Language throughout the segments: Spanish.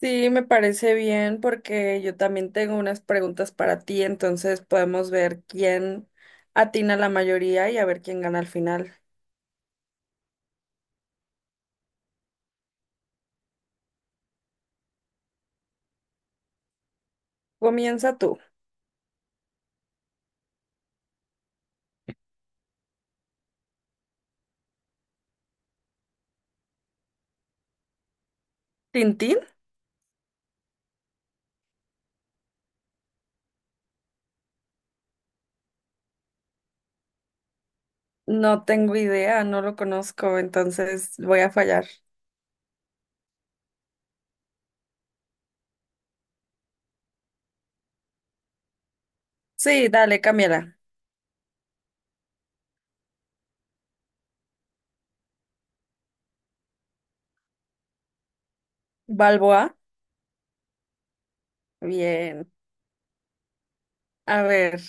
Sí, me parece bien porque yo también tengo unas preguntas para ti, entonces podemos ver quién atina la mayoría y a ver quién gana al final. Comienza tú. ¿Tintín? No tengo idea, no lo conozco, entonces voy a fallar. Sí, dale, Camila. ¿Balboa? Bien. A ver,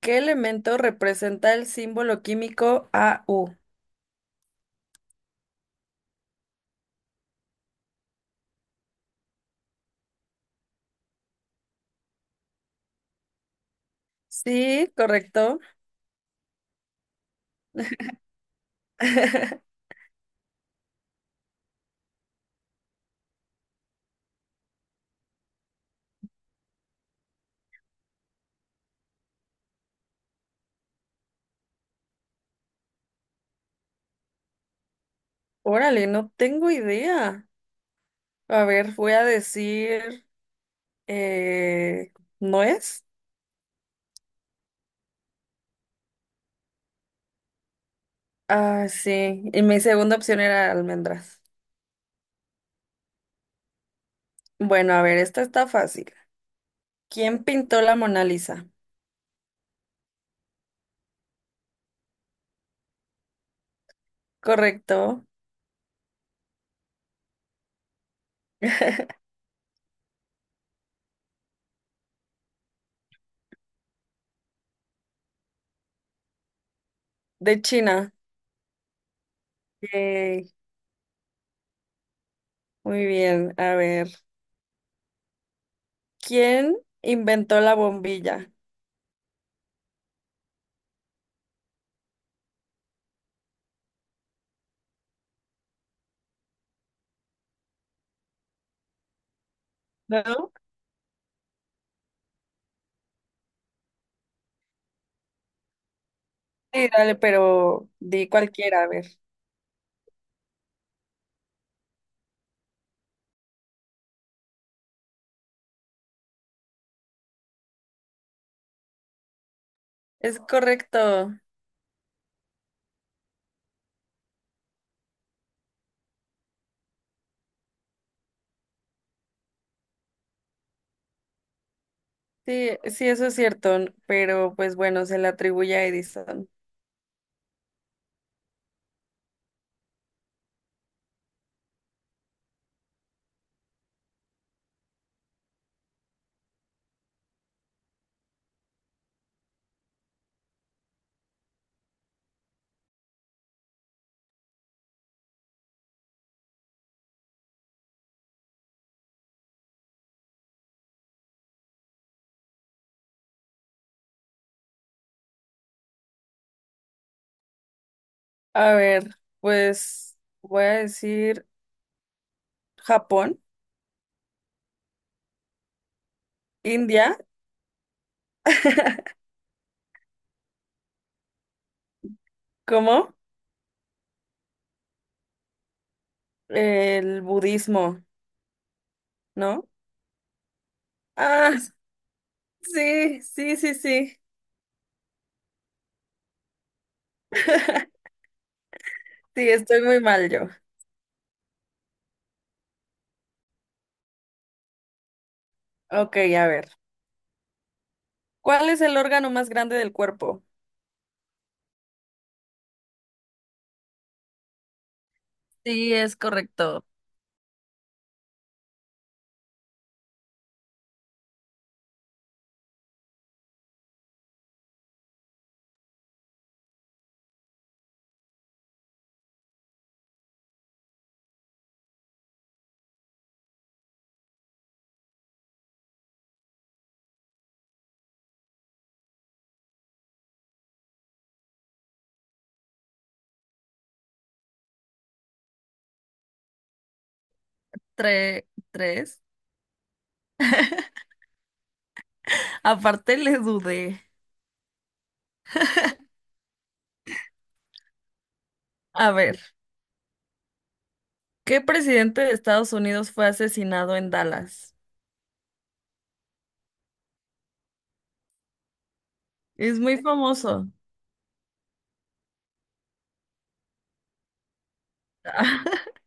¿qué elemento representa el símbolo químico AU? Sí, correcto. Órale, no tengo idea. A ver, voy a decir. Eh, ¿No es? Ah, sí. Y mi segunda opción era almendras. Bueno, a ver, esta está fácil. ¿Quién pintó la Mona Lisa? Correcto. De China. Yay. Muy bien. A ver, ¿quién inventó la bombilla? ¿No? Sí, dale, pero di cualquiera, a ver. Es correcto. Sí, sí, eso es cierto, pero pues bueno, se le atribuye a Edison. A ver, pues voy a decir Japón, India. ¿Cómo? El budismo, ¿no? Ah, sí, sí, sí, sí. Sí, estoy muy mal yo. Ok, a ver. ¿Cuál es el órgano más grande del cuerpo? Sí, es correcto. Tres, tres. Aparte le dudé. A ver, ¿qué presidente de Estados Unidos fue asesinado en Dallas? Es muy famoso.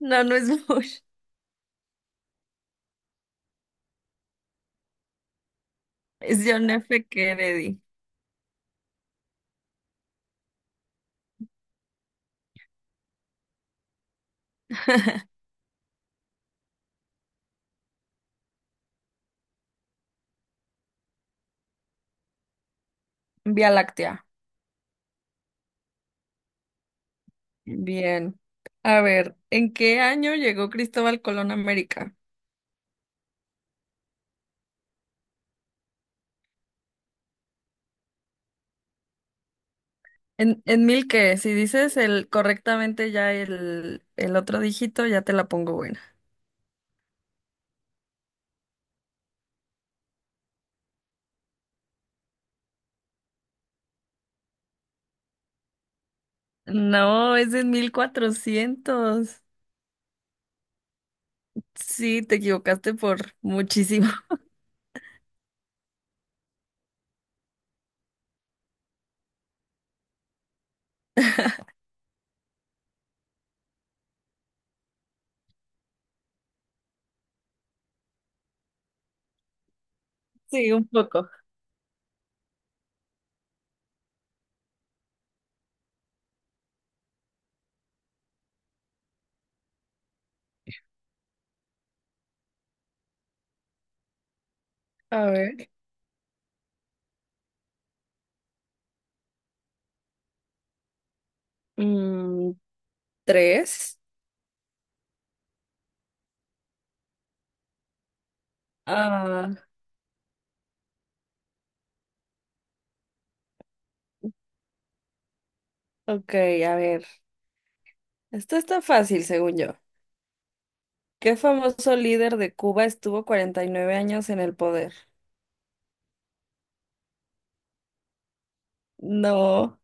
No, no es Bush. Es John F. Kennedy. Vía Láctea. Bien. A ver, ¿en qué año llegó Cristóbal Colón a América? ¿En mil qué? Si dices el correctamente ya el otro dígito, ya te la pongo buena. No, es en 1400. Sí, te equivocaste por muchísimo. Sí, un poco. A ver. mm, tres. Ah, ok, a ver. Esto está fácil, según yo. ¿Qué famoso líder de Cuba estuvo 49 años en el poder? No,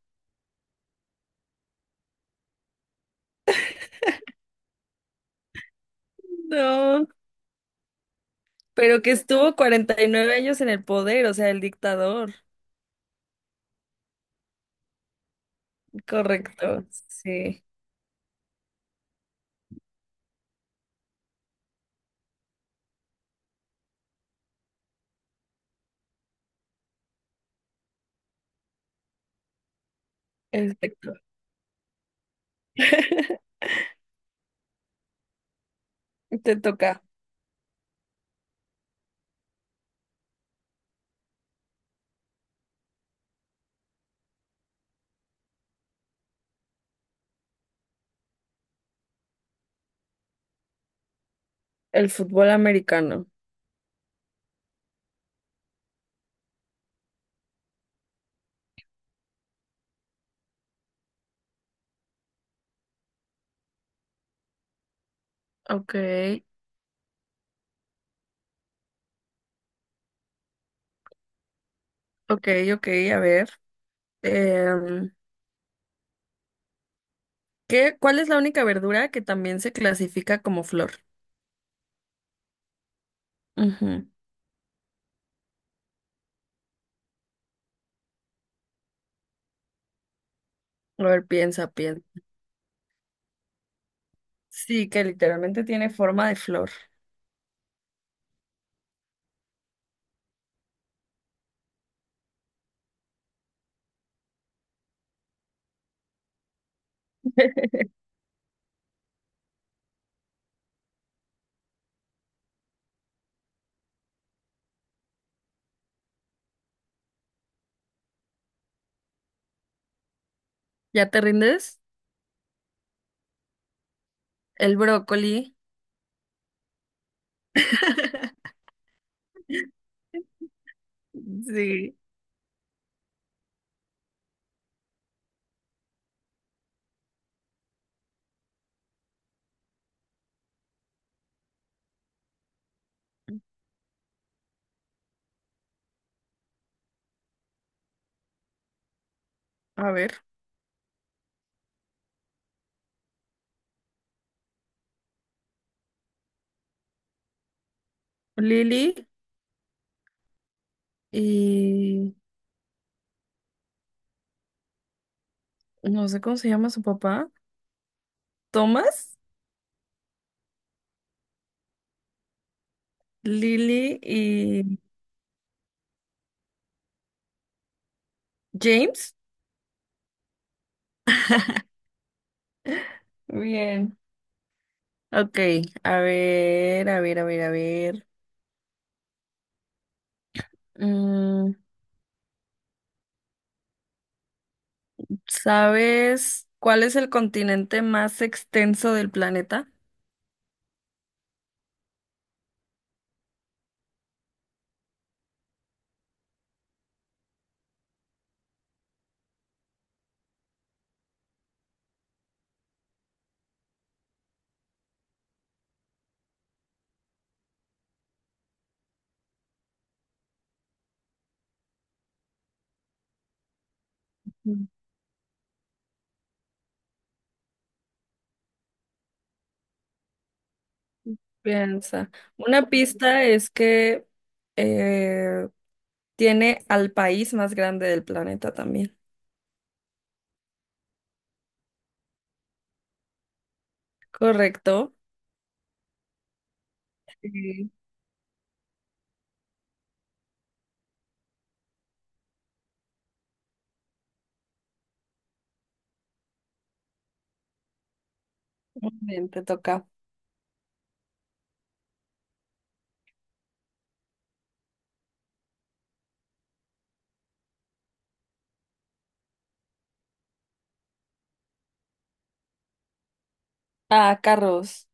no. Pero que estuvo 49 años en el poder, o sea, el dictador. Correcto, sí, exacto. Te toca el fútbol americano. Ok, ok, ok, a ver. Em, cuál es la única verdura que también se clasifica como flor? Ujú. A ver, piensa, piensa. Sí, que literalmente tiene forma de flor. ¿Ya te rindes? El brócoli. Sí. A ver, Lili y no sé cómo se llama su papá, Thomas, Lily y James. Bien. Ok, a ver, a ver, a ver, a ver. Mm, ¿sabes cuál es el continente más extenso del planeta? Mm. Piensa. Una pista es que eh, tiene al país más grande del planeta también. Correcto. Sí, muy bien, te toca. Ah, carros,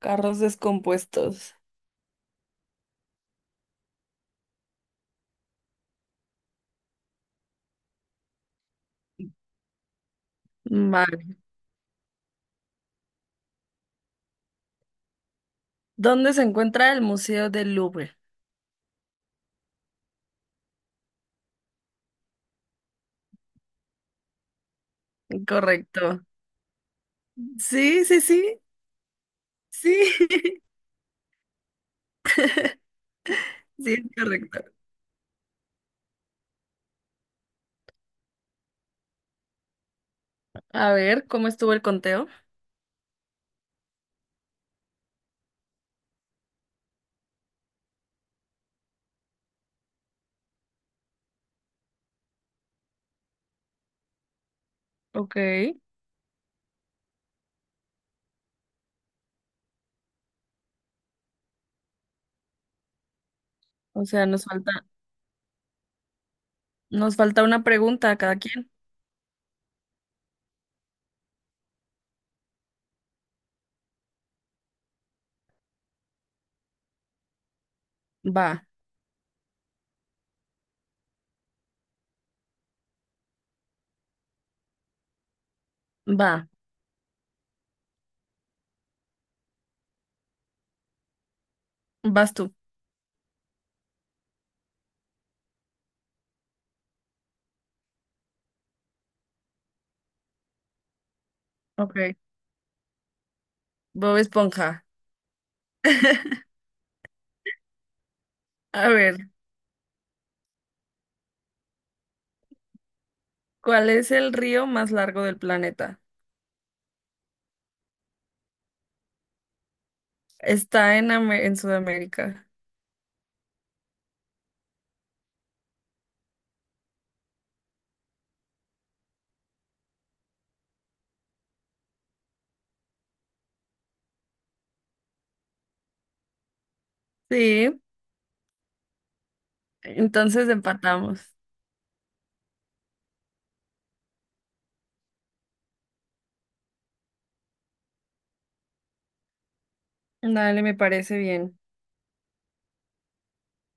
carros descompuestos. Vale. ¿Dónde se encuentra el Museo del Louvre? Correcto. Sí, sí, sí, sí, sí, es correcto. A ver, ¿cómo estuvo el conteo? Ok, o sea, nos falta una pregunta a cada quien. Va, va, vas tú. Ok, Bob Esponja. A ver, ¿cuál es el río más largo del planeta? Está en, en Sudamérica. Sí, entonces empatamos. Dale, me parece bien.